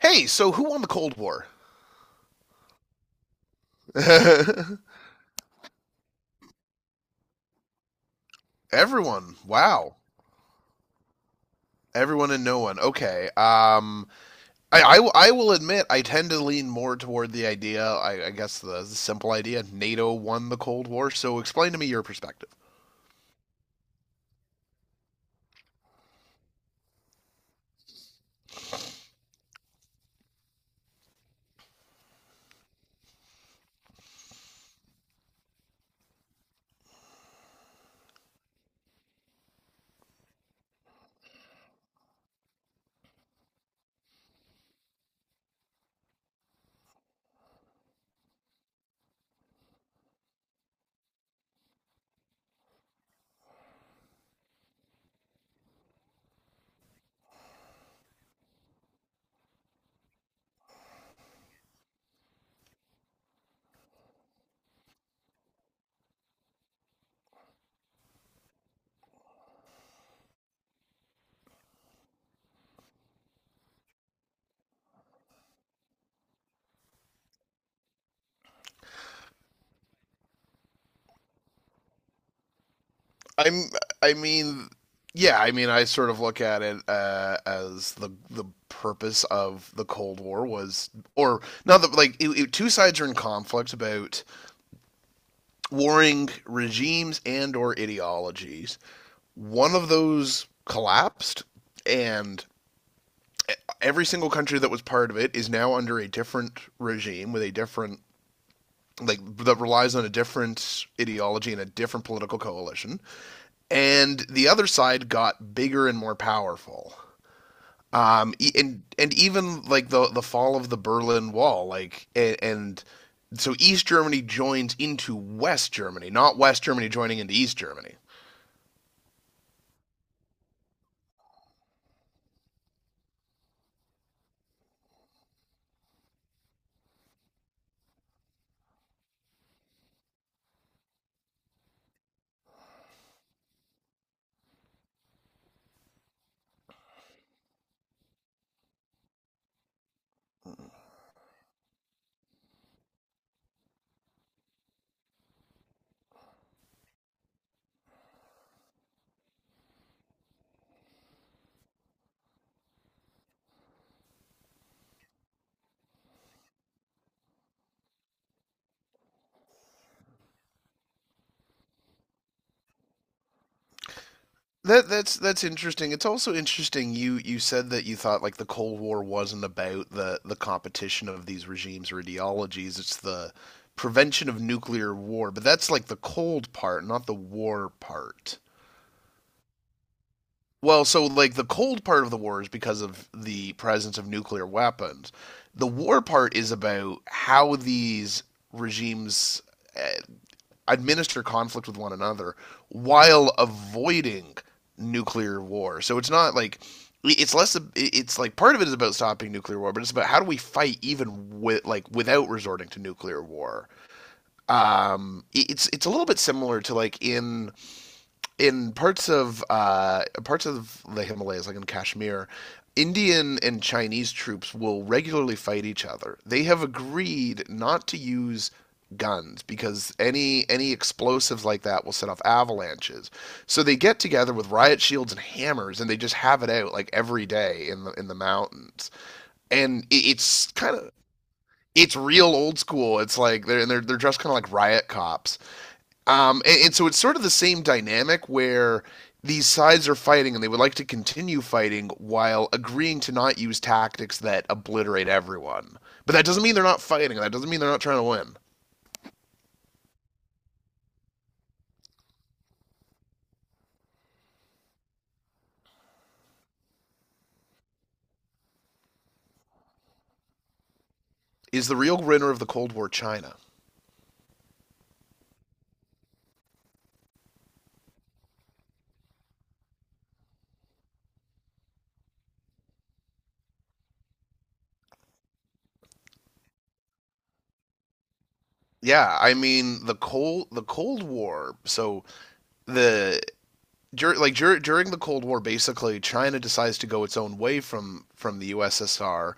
Hey, so who won the Cold War? Everyone. Wow. Everyone and no one. Okay. I will admit I tend to lean more toward the idea. I guess the simple idea: NATO won the Cold War. So explain to me your perspective. I'm. I mean, yeah. I mean, I sort of look at it as the purpose of the Cold War was, or not that like two sides are in conflict about warring regimes and or ideologies. One of those collapsed, and every single country that was part of it is now under a different regime with a different, like, that relies on a different ideology and a different political coalition, and the other side got bigger and more powerful, and even like the fall of the Berlin Wall, like, and so East Germany joins into West Germany, not West Germany joining into East Germany. That's interesting. It's also interesting you said that you thought like the Cold War wasn't about the competition of these regimes or ideologies. It's the prevention of nuclear war, but that's like the cold part, not the war part. Well, so like the cold part of the war is because of the presence of nuclear weapons. The war part is about how these regimes uh, administer conflict with one another while avoiding nuclear war. So it's not like, it's less, it's like part of it is about stopping nuclear war, but it's about how do we fight even, with like, without resorting to nuclear war. Um, it's a little bit similar to, like, in parts of the Himalayas, like in Kashmir. Indian and Chinese troops will regularly fight each other. They have agreed not to use guns, because any explosives like that will set off avalanches. So they get together with riot shields and hammers, and they just have it out like every day in the mountains. And it, it's kind of it's real old school. It's like they're dressed kind of like riot cops, and so it's sort of the same dynamic, where these sides are fighting and they would like to continue fighting while agreeing to not use tactics that obliterate everyone. But that doesn't mean they're not fighting, that doesn't mean they're not trying to win. Is the real winner of the Cold War China? Yeah, I mean the Cold War. So the dur- like dur- during the Cold War, basically China decides to go its own way from the USSR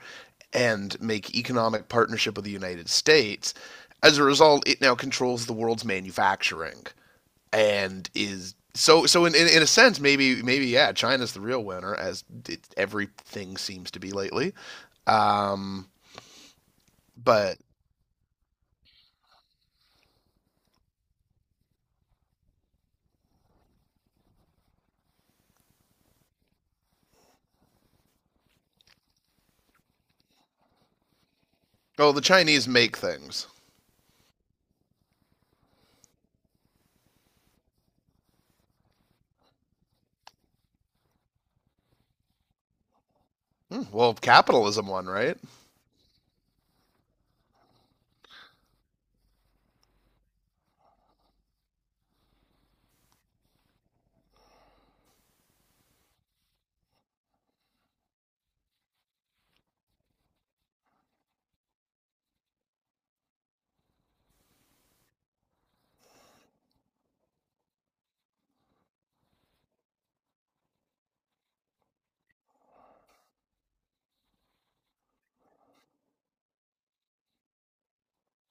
and make economic partnership with the United States. As a result, it now controls the world's manufacturing, and is so, in a sense, maybe, yeah, China's the real winner, as it, everything seems to be lately. Um, but Oh, the Chinese make things. Hmm, well, capitalism won, right?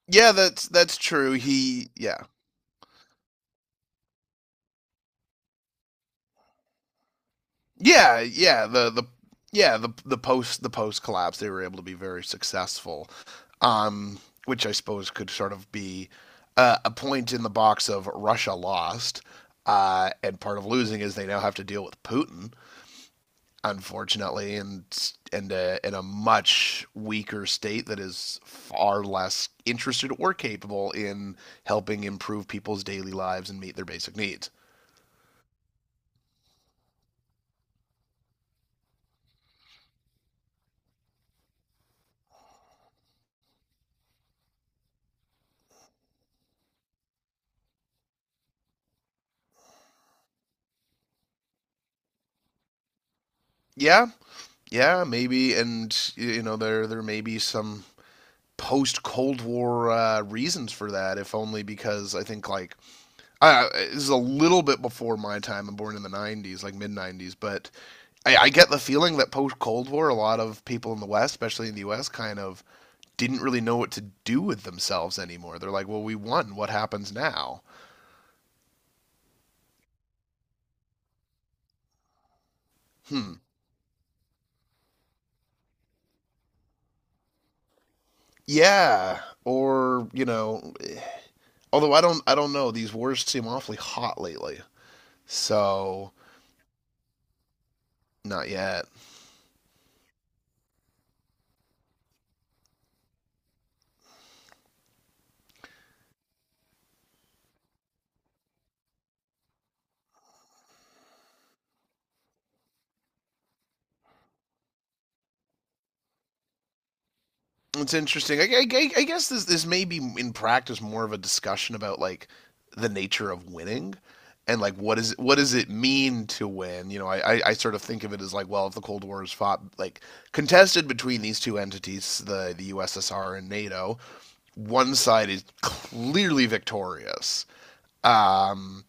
Yeah, that's true. He Yeah, yeah, yeah, the post collapse, they were able to be very successful, um, which I suppose could sort of be a point in the box of Russia lost. And part of losing is they now have to deal with Putin, unfortunately, and in a much weaker state that is far less interested or capable in helping improve people's daily lives and meet their basic needs. Yeah, yeah, maybe, and there may be some post Cold War reasons for that, if only because I think like, this is a little bit before my time. I'm born in the 90s, like mid 90s, but I get the feeling that post Cold War, a lot of people in the West, especially in the US, kind of didn't really know what to do with themselves anymore. They're like, well, we won. What happens now? Hmm. Yeah. Or, although I don't know. These wars seem awfully hot lately. So, not yet. It's interesting. I guess this may be in practice more of a discussion about, like, the nature of winning and, like, what does it mean to win? You know, I sort of think of it as like, well, if the Cold War is fought, like, contested between these two entities, the USSR and NATO, one side is clearly victorious. Um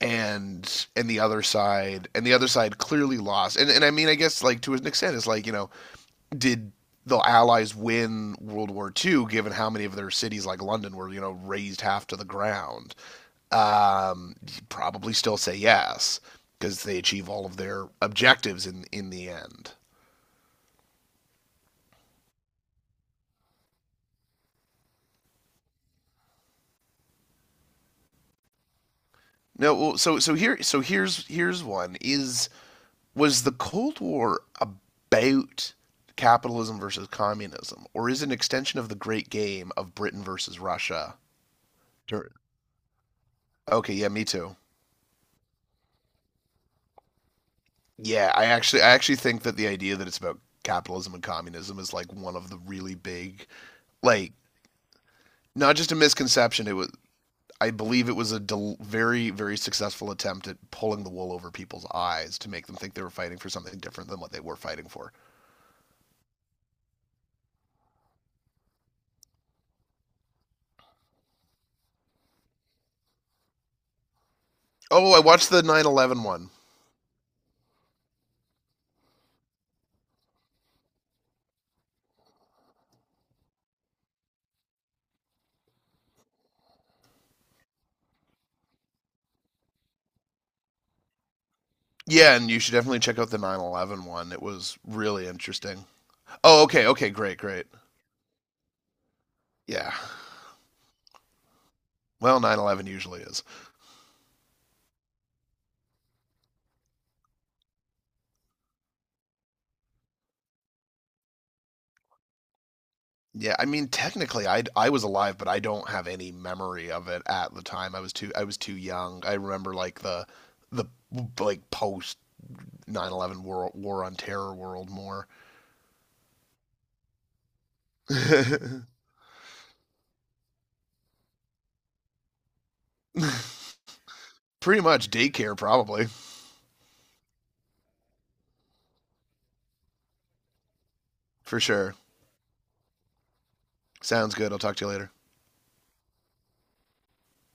and the other side clearly lost. And I mean I guess, like, to an extent it's like, did the Allies win World War II, given how many of their cities, like London, were razed half to the ground? You'd probably still say yes, because they achieve all of their objectives in the end. No, well, so so here so here's here's one is was the Cold War about capitalism versus communism, or is it an extension of the Great Game of Britain versus Russia? Okay, yeah, me too. Yeah, I actually think that the idea that it's about capitalism and communism is like one of the really big. Like, not just a misconception, it was I believe it was a very, very successful attempt at pulling the wool over people's eyes to make them think they were fighting for something different than what they were fighting for. Oh, I watched the 9/11 one. Yeah, and you should definitely check out the 9/11 one. It was really interesting. Oh, okay, okay, great, great. Yeah. Well, 9/11 usually is. Yeah, I mean, technically, I was alive, but I don't have any memory of it at the time. I was too young. I remember, like, the like post 9/11 war, war on terror world more. Pretty much daycare, probably for sure. Sounds good. I'll talk to you later.